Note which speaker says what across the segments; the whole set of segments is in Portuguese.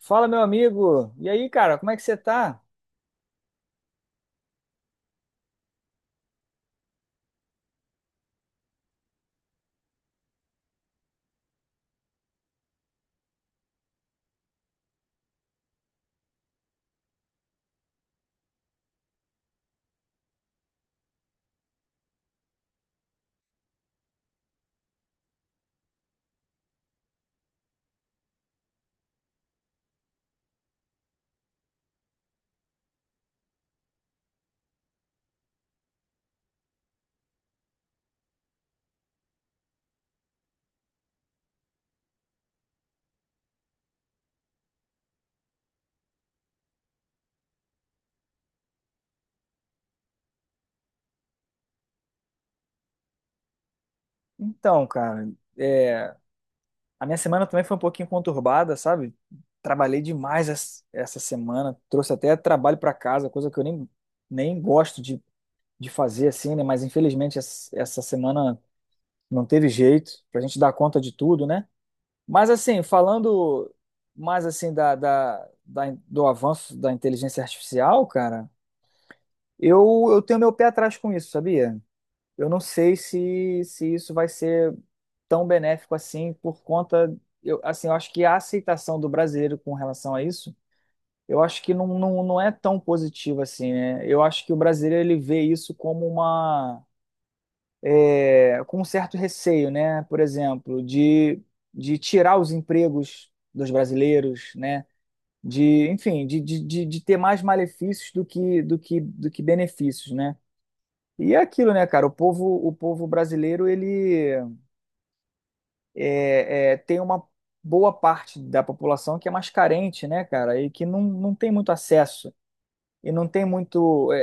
Speaker 1: Fala, meu amigo. E aí, cara, como é que você tá? Então, cara, é, a minha semana também foi um pouquinho conturbada, sabe? Trabalhei demais essa semana, trouxe até trabalho pra casa, coisa que eu nem gosto de fazer assim, né? Mas infelizmente essa semana não teve jeito pra gente dar conta de tudo, né? Mas assim, falando mais assim do avanço da inteligência artificial, cara, eu tenho meu pé atrás com isso, sabia? Eu não sei se isso vai ser tão benéfico assim por conta, eu, assim, eu acho que a aceitação do brasileiro com relação a isso, eu acho que não é tão positiva assim, né? Eu acho que o brasileiro ele vê isso como com um certo receio, né? Por exemplo, de tirar os empregos dos brasileiros, né? De, enfim, de ter mais malefícios do do que benefícios, né? E é aquilo, né, cara? O povo brasileiro, ele tem uma boa parte da população que é mais carente, né, cara, e que não tem muito acesso e não tem muito é,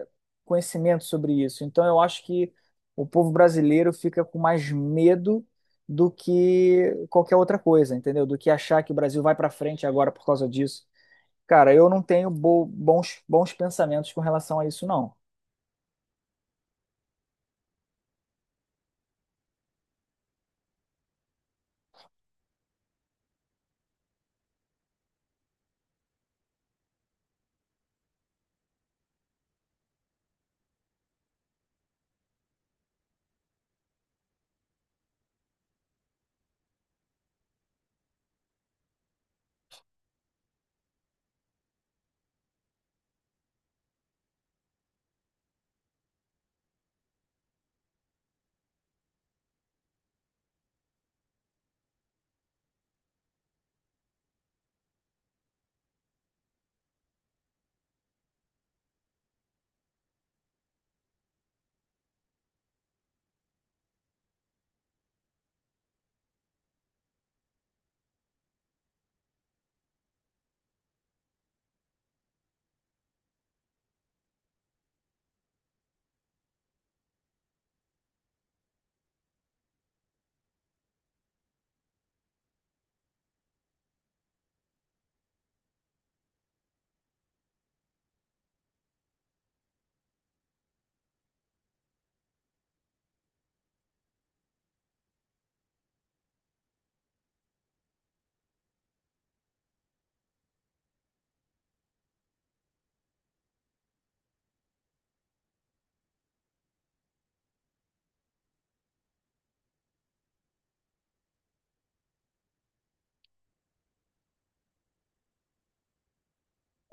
Speaker 1: é, é, conhecimento sobre isso. Então, eu acho que o povo brasileiro fica com mais medo do que qualquer outra coisa, entendeu? Do que achar que o Brasil vai para frente agora por causa disso. Cara, eu não tenho bons pensamentos com relação a isso, não.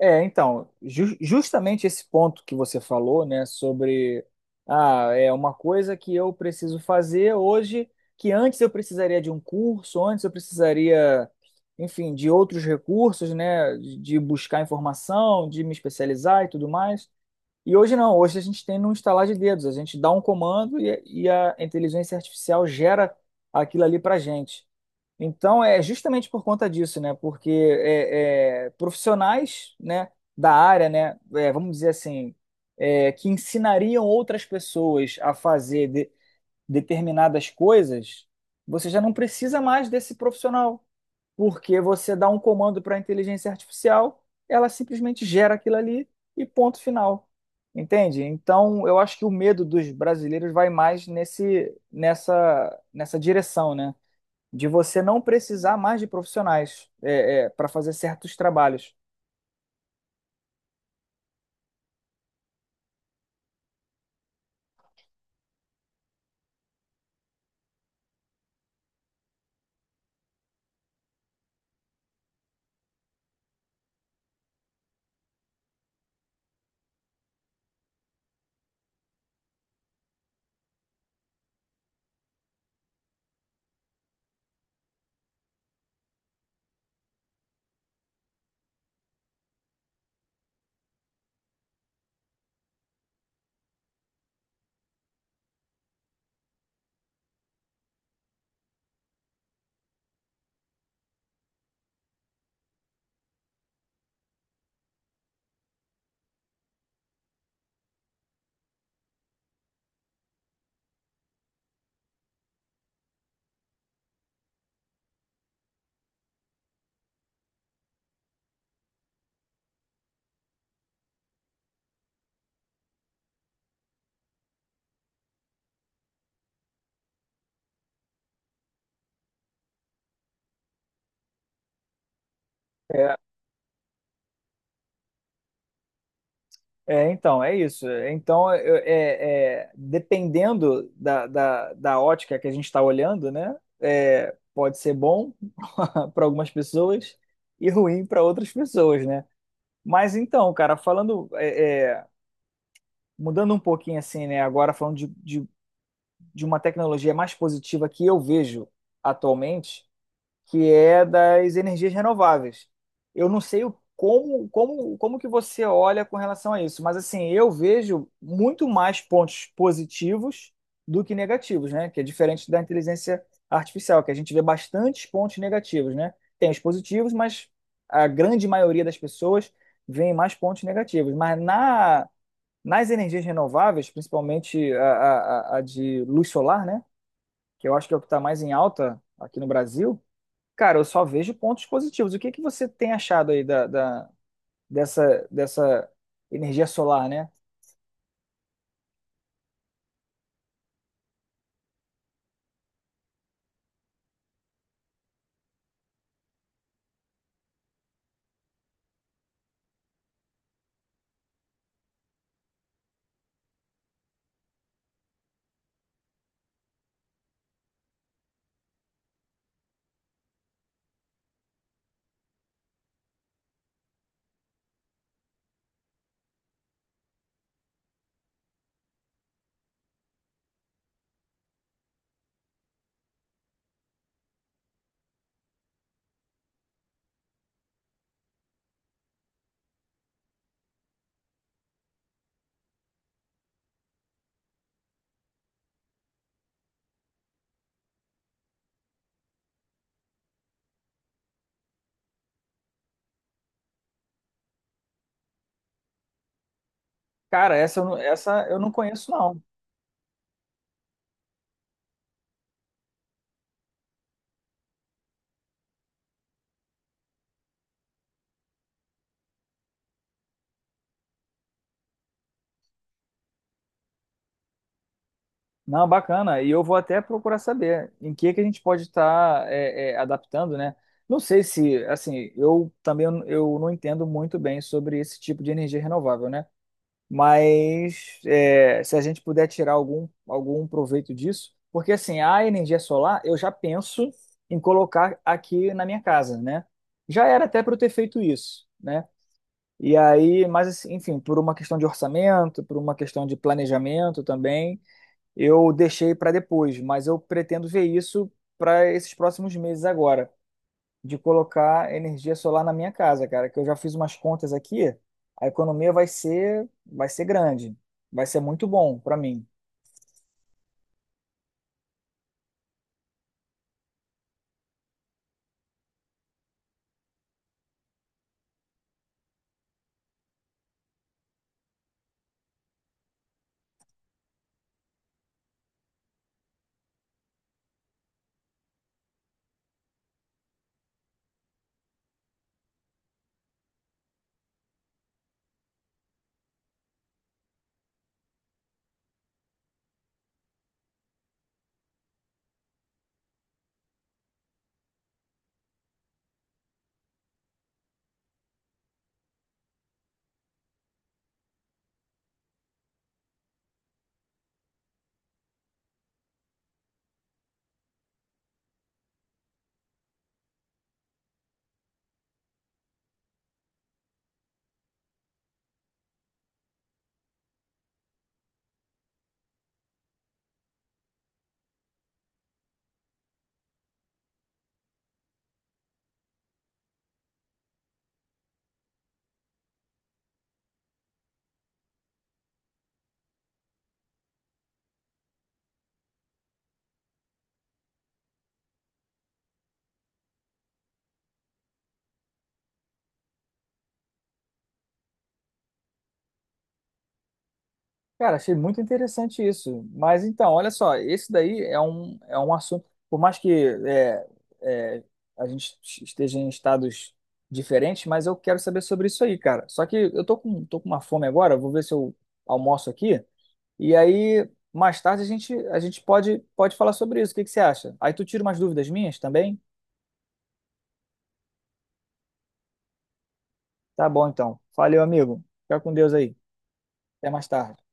Speaker 1: É, então, justamente esse ponto que você falou, né, sobre ah, é uma coisa que eu preciso fazer hoje, que antes eu precisaria de um curso, antes eu precisaria, enfim, de outros recursos, né, de buscar informação, de me especializar e tudo mais. E hoje não, hoje a gente tem no instalar de dedos, a gente dá um comando e a inteligência artificial gera aquilo ali para gente. Então é justamente por conta disso, né? Porque profissionais, né, da área, né, é, vamos dizer assim, é, que ensinariam outras pessoas a fazer determinadas coisas, você já não precisa mais desse profissional. Porque você dá um comando para a inteligência artificial, ela simplesmente gera aquilo ali e ponto final. Entende? Então, eu acho que o medo dos brasileiros vai mais nessa direção, né? De você não precisar mais de profissionais é, para fazer certos trabalhos. É, é, então, é isso. Então, dependendo da ótica que a gente está olhando, né? É, pode ser bom para algumas pessoas e ruim para outras pessoas, né? Mas então, cara, falando, mudando um pouquinho assim, né? Agora falando de uma tecnologia mais positiva que eu vejo atualmente, que é das energias renováveis. Eu não sei como, como, como que você olha com relação a isso, mas assim, eu vejo muito mais pontos positivos do que negativos, né? Que é diferente da inteligência artificial, que a gente vê bastantes pontos negativos, né? Tem os positivos, mas a grande maioria das pessoas vê mais pontos negativos. Mas nas energias renováveis, principalmente a de luz solar, né? Que eu acho que é o que está mais em alta aqui no Brasil. Cara, eu só vejo pontos positivos. O que que você tem achado aí dessa, dessa energia solar, né? Cara, essa eu não conheço, não. Não, bacana. E eu vou até procurar saber em que a gente pode estar é, é, adaptando, né? Não sei se, assim, eu também eu não entendo muito bem sobre esse tipo de energia renovável, né? Mas é, se a gente puder tirar algum proveito disso, porque assim, a energia solar eu já penso em colocar aqui na minha casa, né? Já era até para eu ter feito isso, né? E aí, mas assim, enfim, por uma questão de orçamento, por uma questão de planejamento também, eu deixei para depois, mas eu pretendo ver isso para esses próximos meses agora de colocar energia solar na minha casa, cara, que eu já fiz umas contas aqui, a economia vai ser grande, vai ser muito bom para mim. Cara, achei muito interessante isso. Mas então, olha só, esse daí é um assunto, por mais que é, é, a gente esteja em estados diferentes, mas eu quero saber sobre isso aí, cara. Só que eu tô com uma fome agora, vou ver se eu almoço aqui e aí mais tarde a gente pode, pode falar sobre isso. O que que você acha? Aí tu tira umas dúvidas minhas também? Tá bom, então. Valeu, amigo. Fica com Deus aí. Até mais tarde.